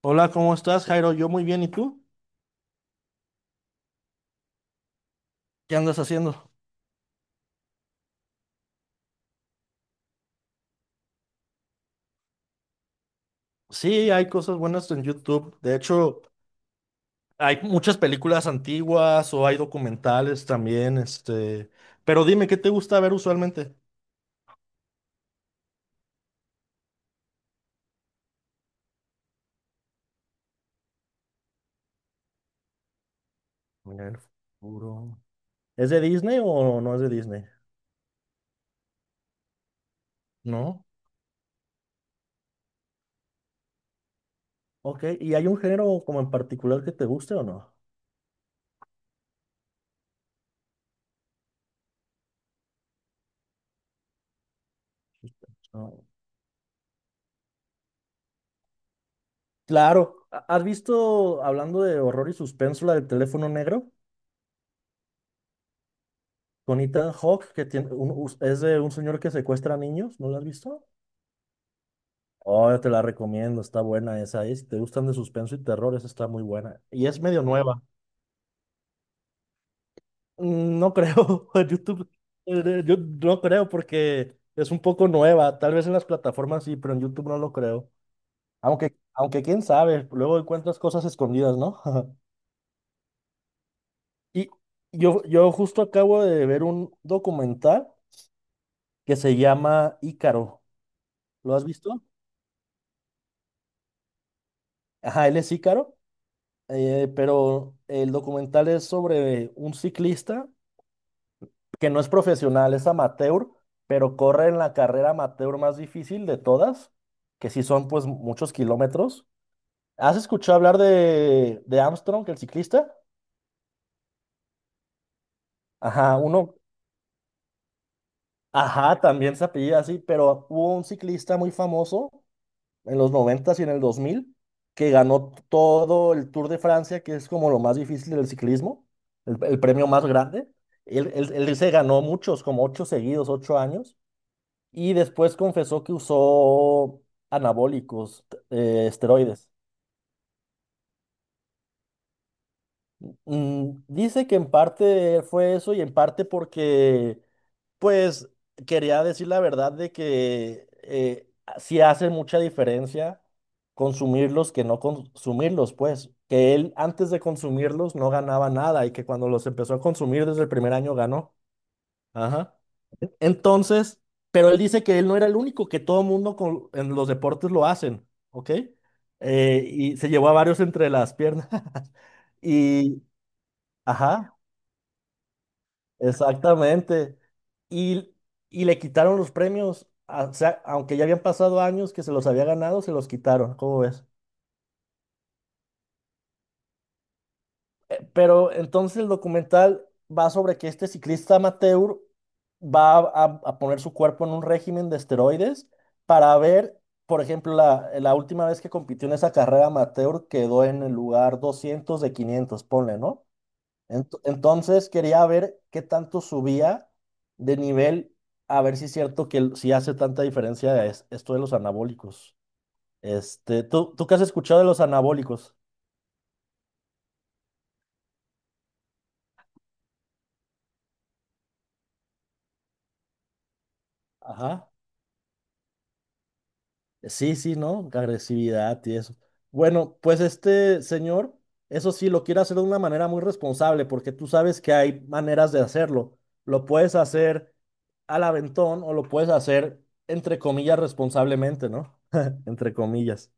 Hola, ¿cómo estás, Jairo? Yo muy bien, ¿y tú? ¿Qué andas haciendo? Sí, hay cosas buenas en YouTube. De hecho, hay muchas películas antiguas o hay documentales también. Pero dime, ¿qué te gusta ver usualmente? Mirar el futuro. ¿Es de Disney o no es de Disney? ¿No? Ok, ¿y hay un género como en particular que te guste o no? No. Claro, ¿has visto, hablando de horror y suspenso, la del teléfono negro? Con Ethan Hawke, que tiene es de un señor que secuestra niños, ¿no la has visto? Oh, yo te la recomiendo, está buena esa. ¿Eh? Si te gustan de suspenso y terror, esa está muy buena. Y es medio nueva. No creo, YouTube, yo no creo porque es un poco nueva. Tal vez en las plataformas sí, pero en YouTube no lo creo. Aunque quién sabe, luego encuentras cosas escondidas, ¿no? Y yo justo acabo de ver un documental que se llama Ícaro. ¿Lo has visto? Ajá, él es Ícaro, pero el documental es sobre un ciclista que no es profesional, es amateur, pero corre en la carrera amateur más difícil de todas, que sí son pues muchos kilómetros. ¿Has escuchado hablar de, Armstrong, el ciclista? Ajá, uno, ajá, también se apellida así, pero hubo un ciclista muy famoso en los 90 y en el 2000 que ganó todo el Tour de Francia, que es como lo más difícil del ciclismo, el premio más grande. Él se ganó muchos, como ocho seguidos, 8 años. Y después confesó que usó anabólicos, esteroides. Dice que en parte fue eso y en parte porque, pues, quería decir la verdad de que sí hace mucha diferencia consumirlos que no consumirlos, pues, que él antes de consumirlos no ganaba nada y que cuando los empezó a consumir desde el primer año ganó. Ajá. Entonces, pero él dice que él no era el único, que todo mundo en los deportes lo hacen, ¿ok? Y se llevó a varios entre las piernas. Y, ajá, exactamente. Y, y le quitaron los premios, o sea, aunque ya habían pasado años que se los había ganado, se los quitaron, ¿cómo ves? Pero entonces el documental va sobre que este ciclista amateur va a poner su cuerpo en un régimen de esteroides para ver, por ejemplo, la última vez que compitió en esa carrera amateur quedó en el lugar 200 de 500, ponle, ¿no? Entonces quería ver qué tanto subía de nivel, a ver si es cierto que si hace tanta diferencia esto de los anabólicos. ¿Tú qué has escuchado de los anabólicos? Ajá. Sí, sí, ¿no? Agresividad y eso. Bueno, pues este señor, eso sí, lo quiere hacer de una manera muy responsable, porque tú sabes que hay maneras de hacerlo. Lo puedes hacer al aventón o lo puedes hacer, entre comillas, responsablemente, ¿no? Entre comillas.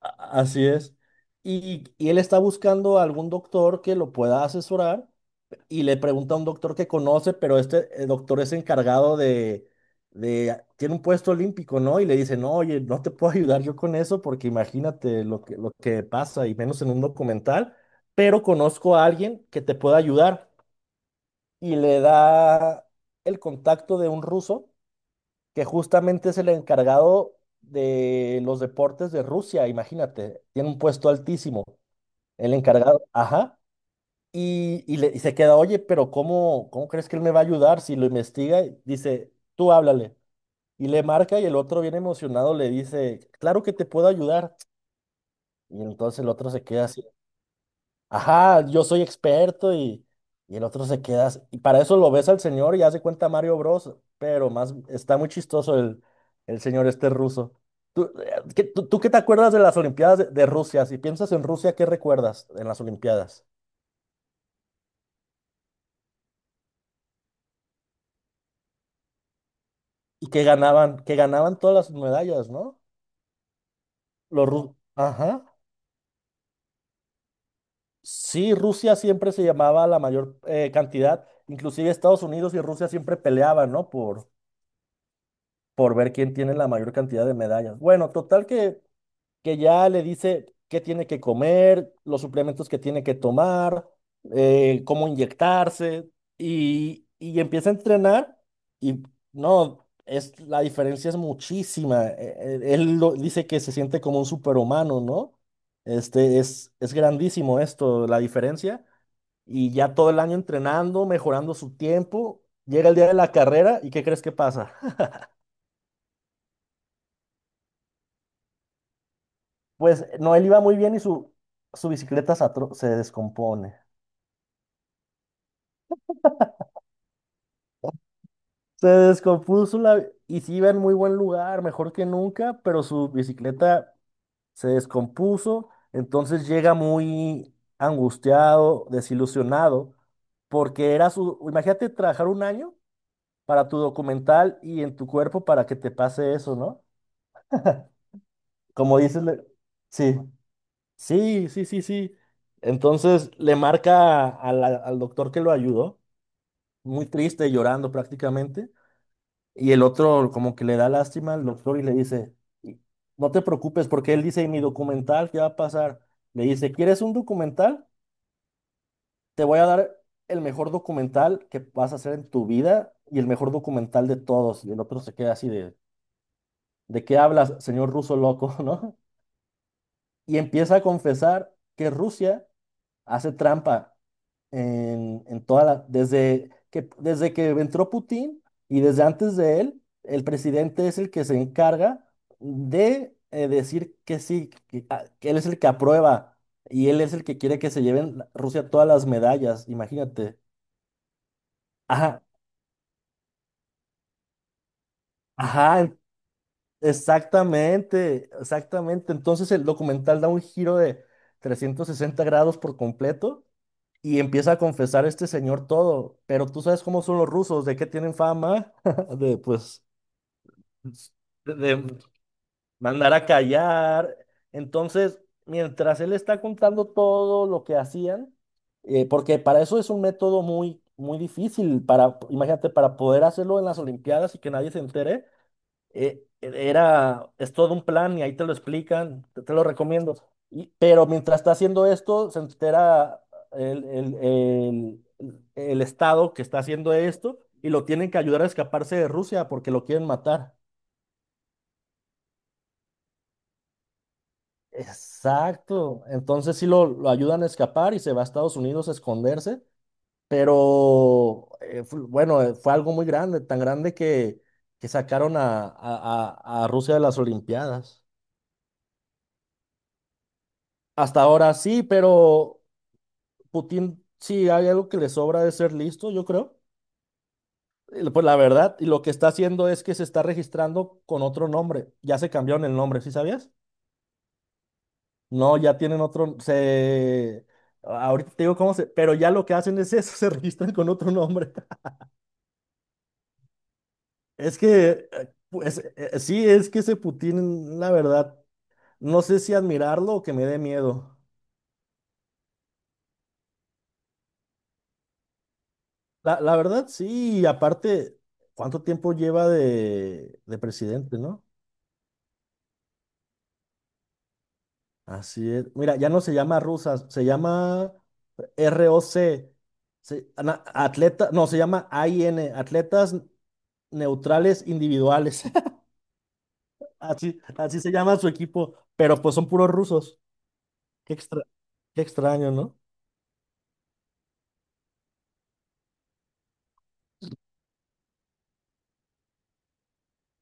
Así es. Y él está buscando algún doctor que lo pueda asesorar y le pregunta a un doctor que conoce, pero este doctor es encargado tiene un puesto olímpico, ¿no? Y le dice, no, oye, no te puedo ayudar yo con eso porque imagínate lo que pasa, y menos en un documental, pero conozco a alguien que te pueda ayudar. Y le da el contacto de un ruso que justamente es el encargado de los deportes de Rusia, imagínate, tiene un puesto altísimo. El encargado, ajá. Y se queda, oye, pero ¿cómo crees que él me va a ayudar? Si lo investiga, dice, tú háblale. Y le marca y el otro bien emocionado le dice, claro que te puedo ayudar. Y entonces el otro se queda así, ajá, yo soy experto y el otro se queda así. Y para eso lo ves al señor y hace cuenta Mario Bros, pero más, está muy chistoso el señor este ruso. ¿Tú qué te acuerdas de las Olimpiadas de Rusia? Si piensas en Rusia, ¿qué recuerdas en las Olimpiadas? Y que ganaban todas las medallas, ¿no? Ajá. Sí, Rusia siempre se llamaba la mayor cantidad. Inclusive Estados Unidos que ya le dice qué tiene que comer, los suplementos que tiene que tomar, cómo inyectarse, y empieza a entrenar y no, la diferencia es muchísima. Él dice que se siente como un superhumano, ¿no? Es grandísimo esto, la diferencia, y ya todo el año entrenando, mejorando su tiempo, llega el día de la carrera, ¿y qué crees que pasa? Pues no, él iba muy bien y su bicicleta se descompone. Se descompuso la. Y sí iba en muy buen lugar, mejor que nunca, pero su bicicleta se descompuso, entonces llega muy angustiado, desilusionado, porque era su. Imagínate trabajar un año para tu documental y en tu cuerpo para que te pase eso, ¿no? Como dices, sí, sí, sí, sí, sí. Entonces le marca a al doctor que lo ayudó, muy triste, llorando prácticamente. Y el otro como que le da lástima al doctor y le dice, "Y- no te preocupes porque él dice, mi documental, ¿qué va a pasar? Le dice, ¿quieres un documental? Te voy a dar el mejor documental que vas a hacer en tu vida y el mejor documental de todos. Y el otro se queda así ¿de qué hablas, señor ruso loco, no? Y empieza a confesar que Rusia hace trampa en toda desde que entró Putin y desde antes de él, el presidente es el que se encarga de decir que sí, que él es el que aprueba y él es el que quiere que se lleven Rusia todas las medallas, imagínate. Ajá, ajá, exactamente, exactamente. Entonces el documental da un giro de 360 grados por completo y empieza a confesar este señor todo, pero tú sabes cómo son los rusos, de qué tienen fama, de pues de mandar a callar. Entonces, mientras él está contando todo lo que hacían, porque para eso es un método muy, muy difícil, para, imagínate, para poder hacerlo en las Olimpiadas y que nadie se entere, es todo un plan y ahí te lo explican, te lo recomiendo. Pero mientras está haciendo esto, se entera el, el- el- el Estado que está haciendo esto y lo tienen que ayudar a escaparse de Rusia porque lo quieren matar. Exacto. Entonces sí lo ayudan a escapar y se va a Estados Unidos a esconderse, pero bueno, fue algo muy grande, tan grande que sacaron a Rusia de las Olimpiadas. Hasta ahora sí, pero Putin, sí hay algo que le sobra de ser listo, yo creo. Pues la verdad, y lo que está haciendo es que se está registrando con otro nombre. Ya se cambiaron el nombre, ¿sí sabías? No, ya tienen otro, se. Ahorita te digo cómo se. Pero ya lo que hacen es eso, se registran con otro nombre. Es que, pues sí, es que ese Putin, la verdad, no sé si admirarlo o que me dé miedo. La verdad, sí, y aparte, ¿cuánto tiempo lleva de presidente, no? Así es. Mira, ya no se llama rusas, se llama ROC, no, se llama AIN, Atletas Neutrales Individuales. Así, así se llama su equipo, pero pues son puros rusos. Qué extra, qué extraño, ¿no?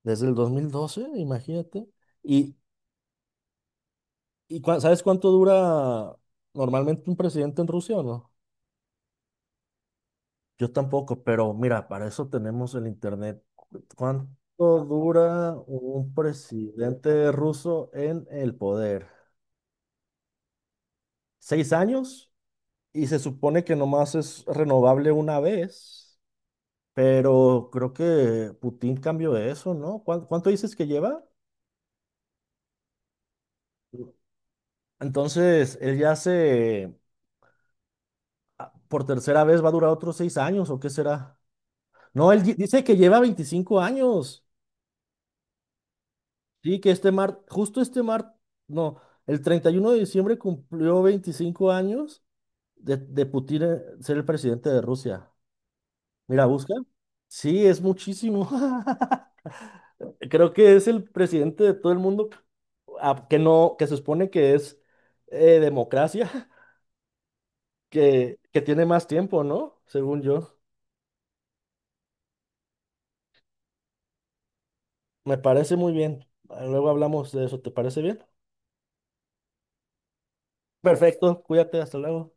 Desde el 2012, imagínate. ¿Y, y sabes cuánto dura normalmente un presidente en Rusia o no? Yo tampoco, pero mira, para eso tenemos el internet. ¿Cuánto dura un presidente ruso en el poder? ¿6 años? Y se supone que nomás es renovable una vez, pero creo que Putin cambió eso, ¿no? ¿Cuánto dices que lleva? Entonces, él ya por tercera vez va a durar otros 6 años, ¿o qué será? No, él dice que lleva 25 años. Sí, que este mar, justo este mar, no, el 31 de diciembre cumplió 25 años de Putin ser el presidente de Rusia. Mira, busca. Sí, es muchísimo. Creo que es el presidente de todo el mundo que no, que se supone que es democracia, que tiene más tiempo, ¿no? Según yo. Me parece muy bien. Ah, luego hablamos de eso, ¿te parece bien? Perfecto, cuídate, hasta luego.